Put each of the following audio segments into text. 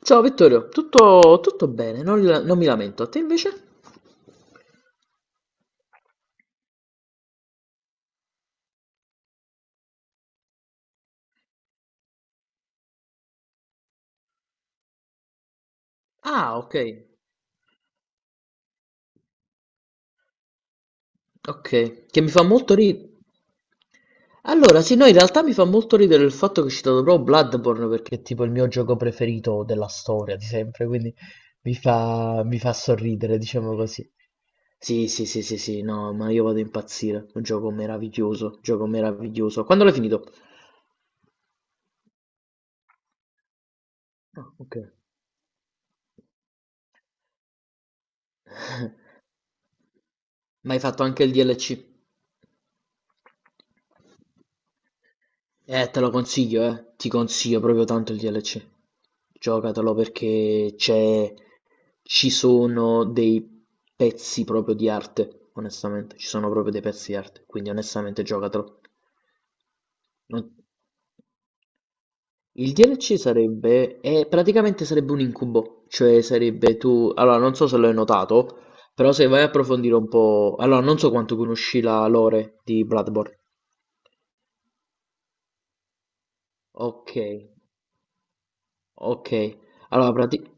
Ciao Vittorio, tutto bene, non mi lamento. Te invece? Ah, ok, ok, che mi fa molto ridere. Allora, sì, no, in realtà mi fa molto ridere il fatto che è citato proprio Bloodborne perché è tipo il mio gioco preferito della storia di sempre, quindi mi fa sorridere, diciamo così. Sì, sì, sì, sì, sì, no, ma io vado a impazzire. Un gioco meraviglioso, gioco meraviglioso. Quando l'hai finito? Ah, ok. Ma hai fatto anche il DLC? Te lo consiglio, eh. Ti consiglio proprio tanto il DLC. Giocatelo perché ci sono dei pezzi proprio di arte, onestamente. Ci sono proprio dei pezzi di arte, quindi onestamente giocatelo. Non- Il DLC sarebbe... praticamente sarebbe un incubo, cioè sarebbe tu... Allora, non so se l'hai notato, però se vai a approfondire un po'... Allora, non so quanto conosci la lore di Bloodborne. Ok, ok. Allora, prati-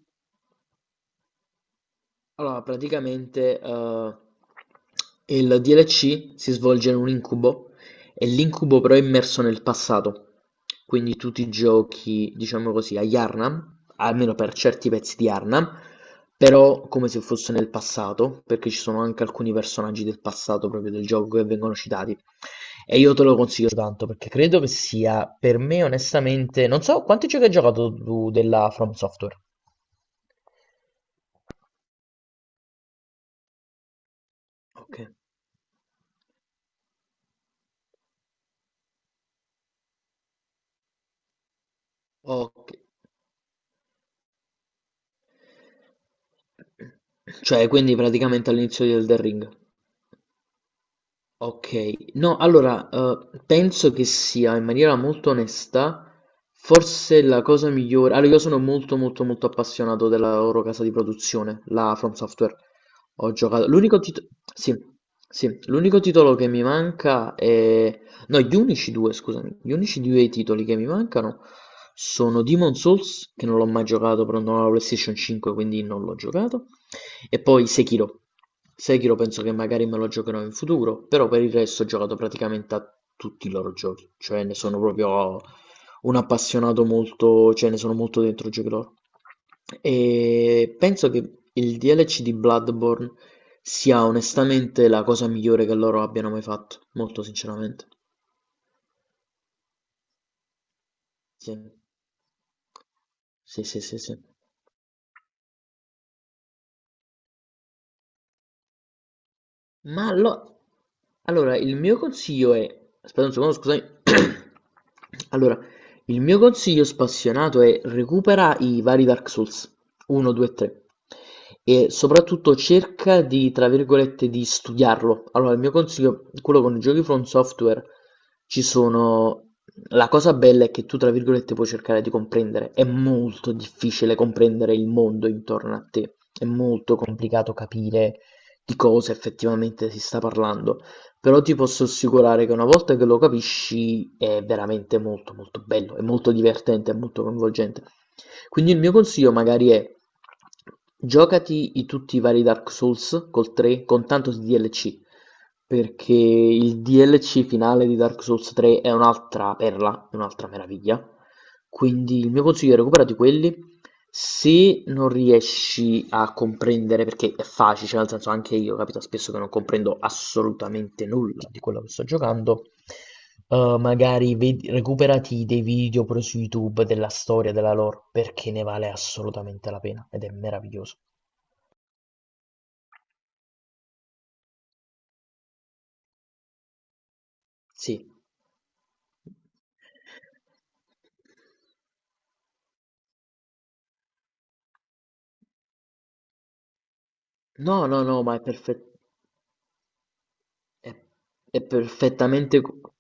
Allora, praticamente il DLC si svolge in un incubo e l'incubo però è immerso nel passato. Quindi tu ti giochi, diciamo così, a Yharnam, almeno per certi pezzi di Yharnam, però come se fosse nel passato, perché ci sono anche alcuni personaggi del passato proprio del gioco che vengono citati. E io te lo consiglio tanto perché credo che sia per me onestamente, non so quanti giochi hai giocato tu della From Software. Ok, ok. Cioè, quindi praticamente all'inizio di Elden Ring. Ok, no, allora penso che sia in maniera molto onesta, forse la cosa migliore. Allora, io sono molto, molto, molto appassionato della loro casa di produzione, la From Software. Ho giocato. L'unico titolo. Sì, sì, l'unico titolo che mi manca è. No, gli unici due, scusami. Gli unici due titoli che mi mancano sono Demon Souls, che non l'ho mai giocato, però non ho la PlayStation 5, quindi non l'ho giocato. E poi Sekiro. Sekiro penso che magari me lo giocherò in futuro, però per il resto ho giocato praticamente a tutti i loro giochi, cioè ne sono proprio un appassionato molto, cioè ne sono molto dentro i giochi loro. E penso che il DLC di Bloodborne sia onestamente la cosa migliore che loro abbiano mai fatto, molto sinceramente. Sì, sì, sì, sì, sì. Ma allo- allora, il mio consiglio è... Aspetta un secondo, scusami. Allora, il mio consiglio spassionato è recupera i vari Dark Souls 1, 2 e 3 e soprattutto cerca di, tra virgolette, di studiarlo. Allora, il mio consiglio, quello con i giochi From Software, ci sono... La cosa bella è che tu, tra virgolette, puoi cercare di comprendere. È molto difficile comprendere il mondo intorno a te. È molto complicato capire di cosa effettivamente si sta parlando, però ti posso assicurare che una volta che lo capisci è veramente molto molto bello, è molto divertente, è molto coinvolgente. Quindi il mio consiglio magari è giocati tutti i vari Dark Souls col 3 con tanto di DLC, perché il DLC finale di Dark Souls 3 è un'altra perla, è un'altra meraviglia. Quindi il mio consiglio è recuperati quelli. Se non riesci a comprendere, perché è facile, cioè nel senso anche io capita spesso che non comprendo assolutamente nulla di quello che sto giocando, magari recuperati dei video pure su YouTube della storia, della lore, perché ne vale assolutamente la pena ed è meraviglioso. Sì. No, no, no, ma è perfetto. È, è perfettamente.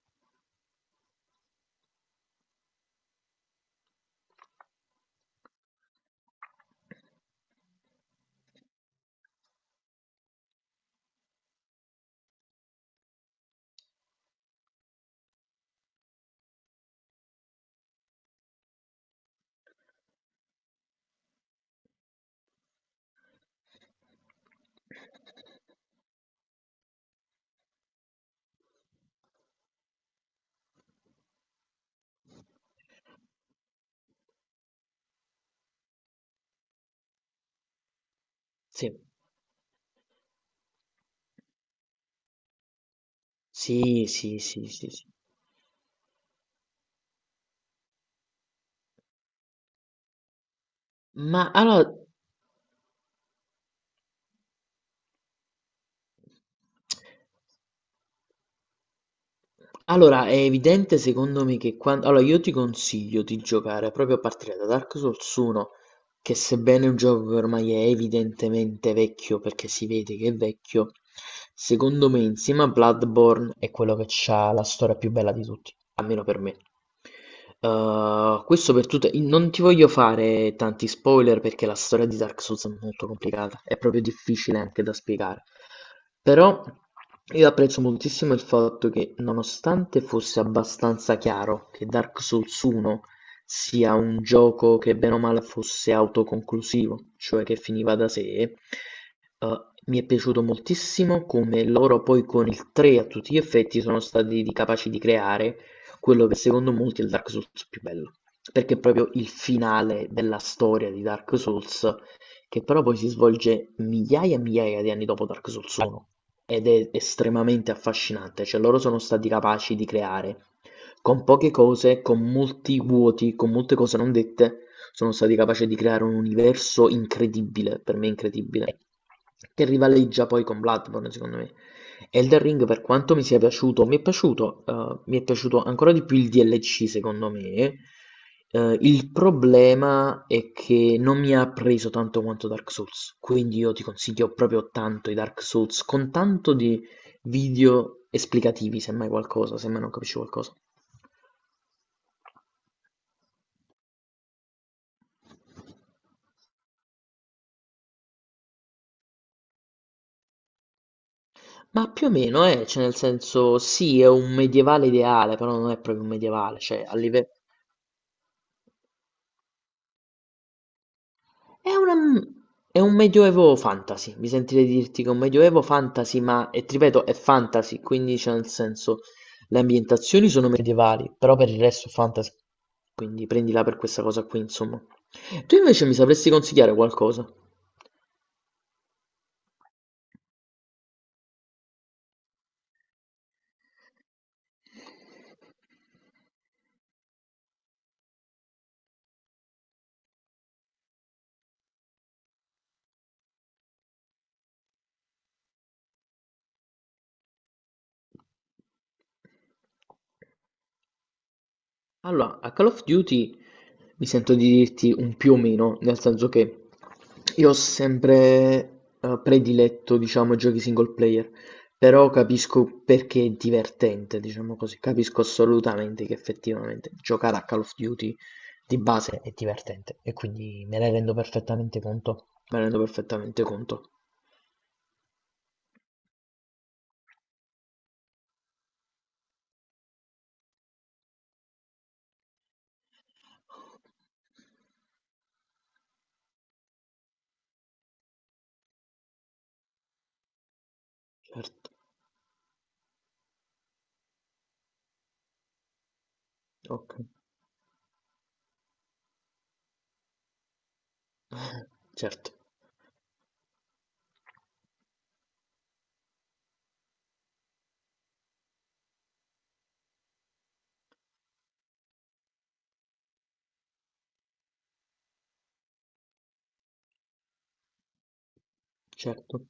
Sì. Sì, sì, sì, sì, sì. Ma allora, è evidente secondo me che quando... Allora, io ti consiglio di giocare proprio a partire da Dark Souls 1, che sebbene un gioco che ormai è evidentemente vecchio, perché si vede che è vecchio, secondo me insieme a Bloodborne è quello che ha la storia più bella di tutti, almeno per me. Questo per tutte i non ti voglio fare tanti spoiler perché la storia di Dark Souls è molto complicata, è proprio difficile anche da spiegare. Però io apprezzo moltissimo il fatto che nonostante fosse abbastanza chiaro che Dark Souls 1 sia un gioco che bene o male fosse autoconclusivo, cioè che finiva da sé, mi è piaciuto moltissimo come loro poi con il 3 a tutti gli effetti sono stati capaci di creare quello che secondo molti è il Dark Souls più bello, perché è proprio il finale della storia di Dark Souls, che però poi si svolge migliaia e migliaia di anni dopo Dark Souls 1 ed è estremamente affascinante, cioè loro sono stati capaci di creare con poche cose, con molti vuoti, con molte cose non dette, sono stati capaci di creare un universo incredibile, per me incredibile, che rivaleggia poi con Bloodborne, secondo me. Elden Ring, per quanto mi sia piaciuto, mi è piaciuto ancora di più il DLC secondo me. Il problema è che non mi ha preso tanto quanto Dark Souls, quindi io ti consiglio proprio tanto i Dark Souls, con tanto di video esplicativi, semmai qualcosa, semmai non capisci qualcosa. Ma più o meno, cioè nel senso, sì, è un medievale ideale, però non è proprio un medievale, cioè a livello... È una è un medioevo fantasy, mi sentirei di dirti che è un medioevo fantasy, ma, e ti ripeto, è fantasy, quindi c'è nel senso le ambientazioni sono medievali, però per il resto è fantasy. Quindi prendila per questa cosa qui, insomma. Tu invece mi sapresti consigliare qualcosa? Allora, a Call of Duty mi sento di dirti un più o meno, nel senso che io ho sempre prediletto, diciamo, giochi single player, però capisco perché è divertente, diciamo così, capisco assolutamente che effettivamente giocare a Call of Duty di base è divertente e quindi me ne rendo perfettamente conto, me ne rendo perfettamente conto. Certo, ok, certo, certo.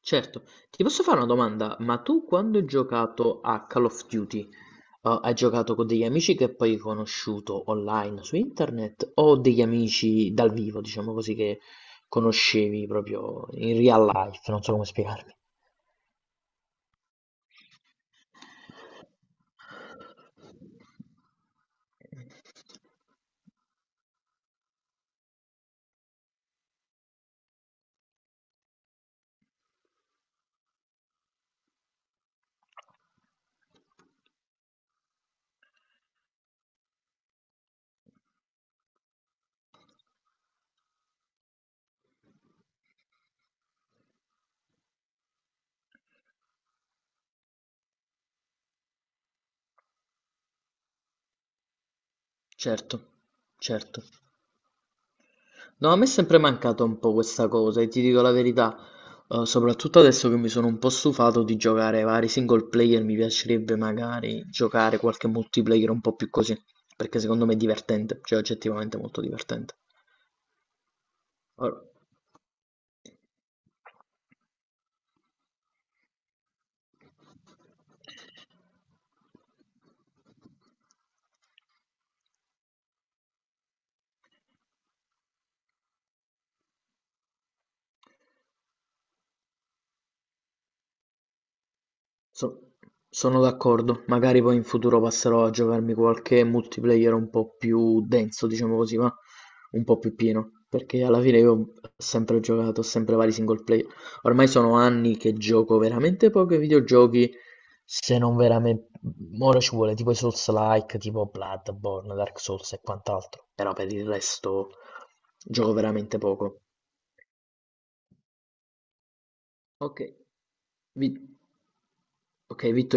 Certo, ti posso fare una domanda? Ma tu quando hai giocato a Call of Duty, hai giocato con degli amici che poi hai conosciuto online su internet o degli amici dal vivo, diciamo così, che conoscevi proprio in real life? Non so come spiegarmi. Certo, certo. No, a me è sempre mancata un po' questa cosa e ti dico la verità, soprattutto adesso che mi sono un po' stufato di giocare vari single player, mi piacerebbe magari giocare qualche multiplayer un po' più così, perché secondo me è divertente, cioè oggettivamente molto divertente. Ora- So- Sono d'accordo, magari poi in futuro passerò a giocarmi qualche multiplayer un po' più denso, diciamo così, ma un po' più pieno, perché alla fine io ho sempre giocato, sempre vari single player. Ormai sono anni che gioco veramente pochi videogiochi, se non veramente... Ora ci vuole tipo i Souls-like, tipo Bloodborne, Dark Souls e quant'altro, però per il resto gioco veramente poco. Ok, Vi- ok, Vittorio.